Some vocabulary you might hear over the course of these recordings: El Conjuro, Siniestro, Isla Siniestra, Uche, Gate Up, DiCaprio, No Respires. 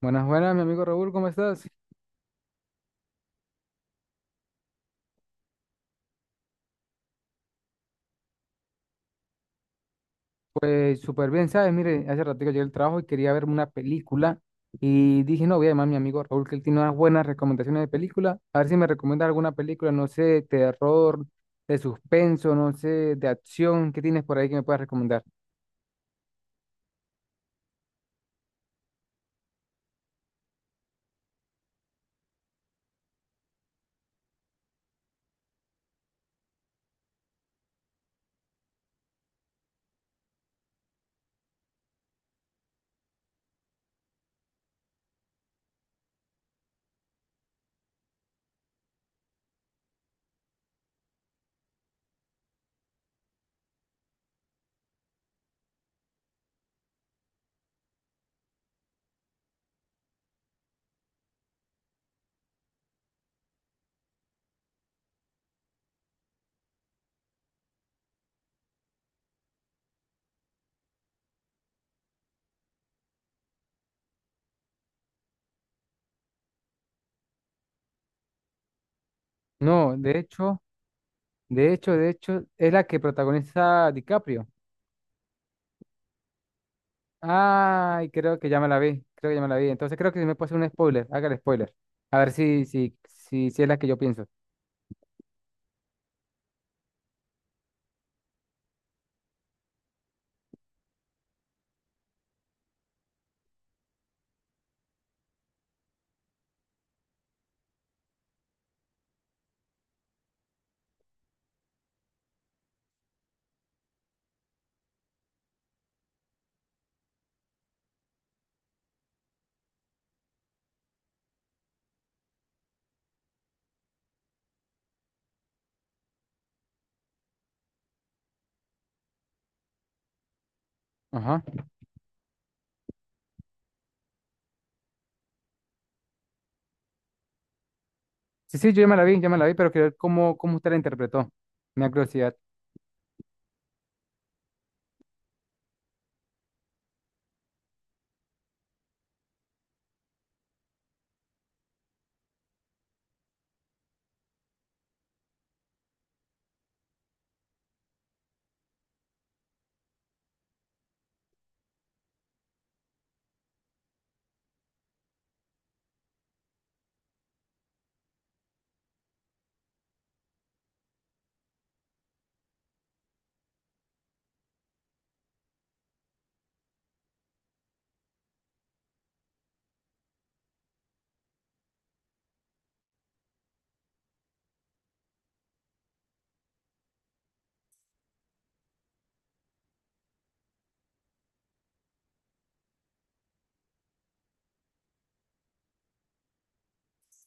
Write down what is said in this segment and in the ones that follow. Buenas, buenas, mi amigo Raúl, ¿cómo estás? Pues súper bien, ¿sabes? Mire, hace ratito llegué al trabajo y quería verme una película y dije, no, voy a llamar a mi amigo Raúl, que él tiene unas buenas recomendaciones de película, a ver si me recomienda alguna película, no sé, terror, de suspenso, no sé, de acción, ¿qué tienes por ahí que me puedas recomendar? No, de hecho, de hecho, es la que protagoniza DiCaprio. Ay, creo que ya me la vi, entonces creo que si me puede hacer un spoiler, haga el spoiler, a ver si es la que yo pienso. Ajá. Sí, sí, yo ya me la vi, ya me la vi, pero quiero ver cómo usted la interpretó. Me da curiosidad.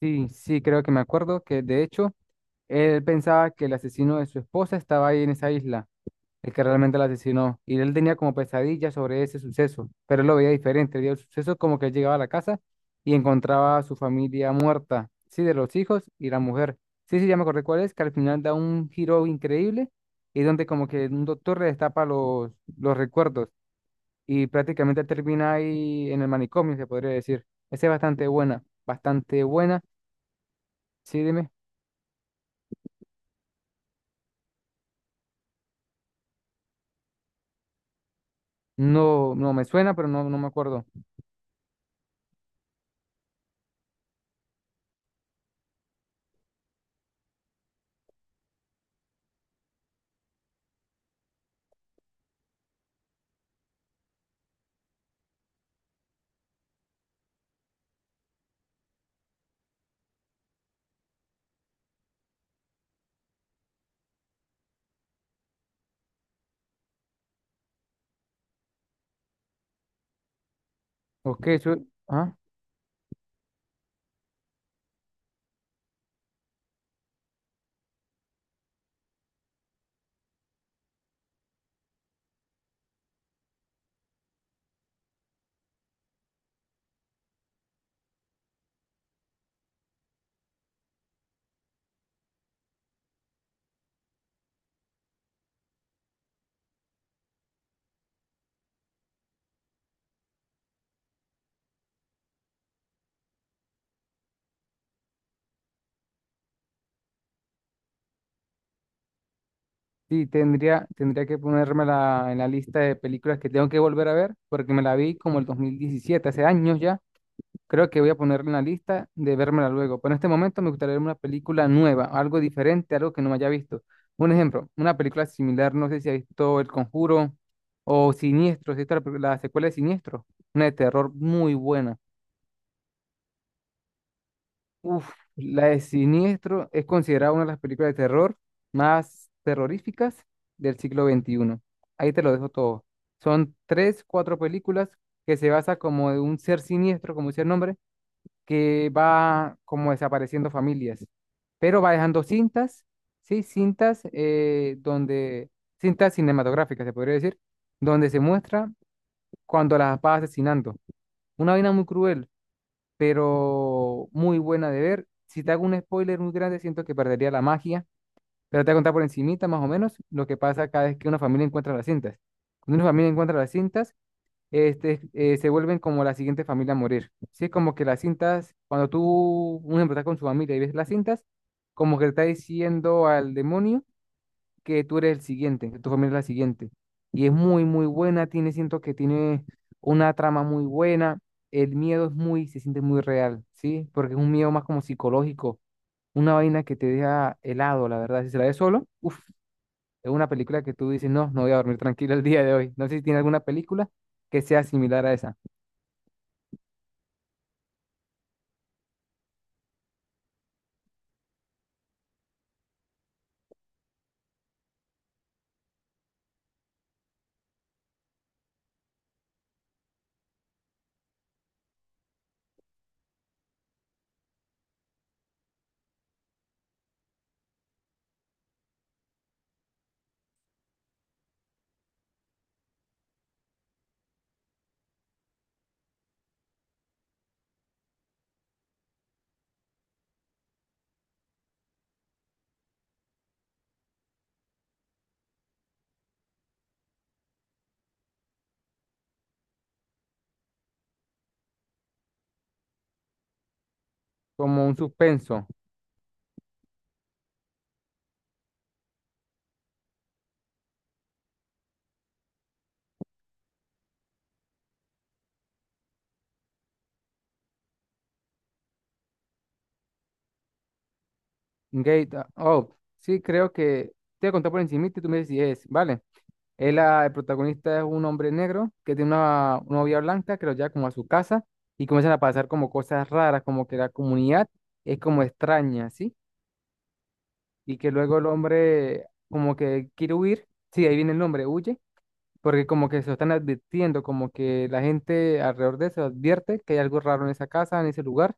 Sí, sí, creo que me acuerdo que de hecho él pensaba que el asesino de su esposa estaba ahí en esa isla, el que realmente la asesinó. Y él tenía como pesadillas sobre ese suceso, pero él lo veía diferente. Él veía el suceso como que él llegaba a la casa y encontraba a su familia muerta, sí, de los hijos y la mujer. Sí, sí, ya me acordé cuál es, que al final da un giro increíble y donde como que un doctor le destapa los recuerdos y prácticamente termina ahí en el manicomio, se podría decir. Esa es bastante buena, bastante buena. Sí, dime. No, no me suena, pero no, no me acuerdo. Ok, sí, tendría que ponerme en la lista de películas que tengo que volver a ver, porque me la vi como el 2017, hace años ya. Creo que voy a ponerla en la lista de vérmela luego. Pero en este momento me gustaría ver una película nueva, algo diferente, algo que no me haya visto. Un ejemplo, una película similar, no sé si ha visto El Conjuro o Siniestro, si has la, pe- la secuela de Siniestro, una de terror muy buena. Uf, la de Siniestro es considerada una de las películas de terror más terroríficas del siglo XXI. Ahí te lo dejo todo. Son tres, cuatro películas que se basa como de un ser siniestro, como dice el nombre, que va como desapareciendo familias, pero va dejando cintas, sí, cintas donde, cintas cinematográficas, se podría decir, donde se muestra cuando las va asesinando. Una vaina muy cruel, pero muy buena de ver. Si te hago un spoiler muy grande, siento que perdería la magia, pero te voy a contar por encimita más o menos lo que pasa cada vez que una familia encuentra las cintas. Cuando una familia encuentra las cintas, se vuelven como la siguiente familia a morir. Sí, es como que las cintas, cuando tú, un ejemplo, estás con su familia y ves las cintas, como que le está diciendo al demonio que tú eres el siguiente, que tu familia es la siguiente. Y es muy buena, tiene, siento que tiene una trama muy buena, el miedo es muy, se siente muy real, ¿sí? Porque es un miedo más como psicológico, una vaina que te deja helado, la verdad. Si se la ves solo, uff, es una película que tú dices, no, no voy a dormir tranquilo el día de hoy. No sé si tiene alguna película que sea similar a esa. Como un suspenso. Gate Up. Sí, creo que te voy a contar por encima y tú me dices si es, ¿vale? Él, ah, el protagonista es un hombre negro que tiene una novia blanca que lo lleva como a su casa y comienzan a pasar como cosas raras, como que la comunidad es como extraña, ¿sí? Y que luego el hombre como que quiere huir, sí, ahí viene el nombre, huye, porque como que se lo están advirtiendo, como que la gente alrededor de eso advierte que hay algo raro en esa casa, en ese lugar,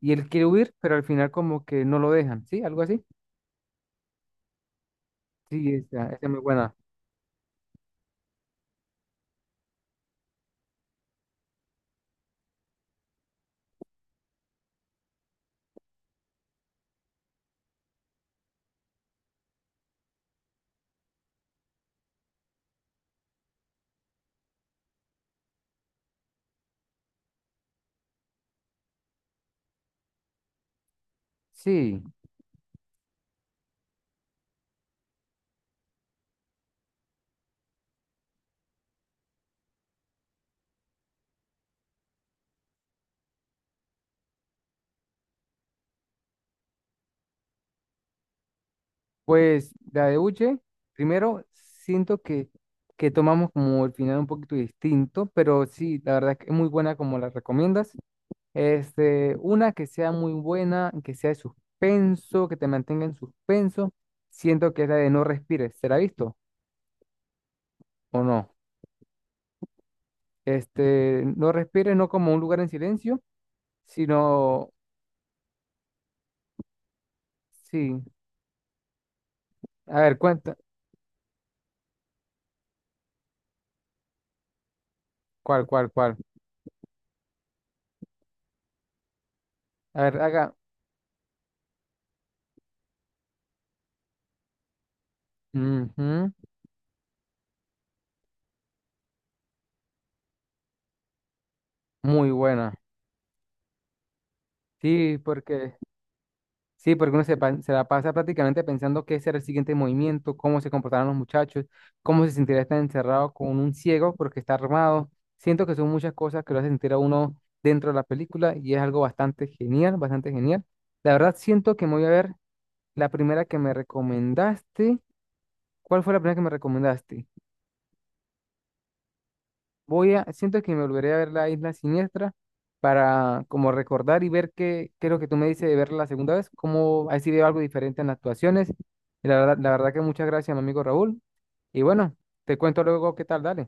y él quiere huir, pero al final como que no lo dejan, ¿sí? Algo así. Sí, esa es muy buena. Sí, pues la de Uche, primero siento que tomamos como el final un poquito distinto, pero sí, la verdad es que es muy buena como la recomiendas. Este, una que sea muy buena, que sea de suspenso, que te mantenga en suspenso. Siento que es la de No Respires, ¿será visto o no? Este, No Respires, no como Un Lugar en Silencio, sino, sí, a ver, cuenta, ¿cuál, cuál, cuál? A ver, haga, ujú, muy buena. Sí, sí, porque se la pasa prácticamente pensando qué será el siguiente movimiento, cómo se comportarán los muchachos, cómo se sentirá estar encerrado con un ciego porque está armado. Siento que son muchas cosas que lo hacen sentir a uno dentro de la película y es algo bastante genial, bastante genial. La verdad, siento que me voy a ver la primera que me recomendaste. ¿Cuál fue la primera que me recomendaste? Voy a, siento que me volveré a ver la Isla Siniestra para como recordar y ver qué es lo que tú me dices de verla la segunda vez, cómo ha sido algo diferente en las actuaciones. Y la verdad que muchas gracias, mi amigo Raúl. Y bueno, te cuento luego qué tal, dale.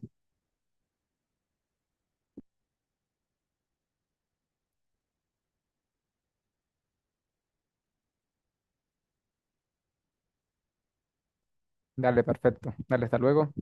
Dale, perfecto. Dale, hasta luego.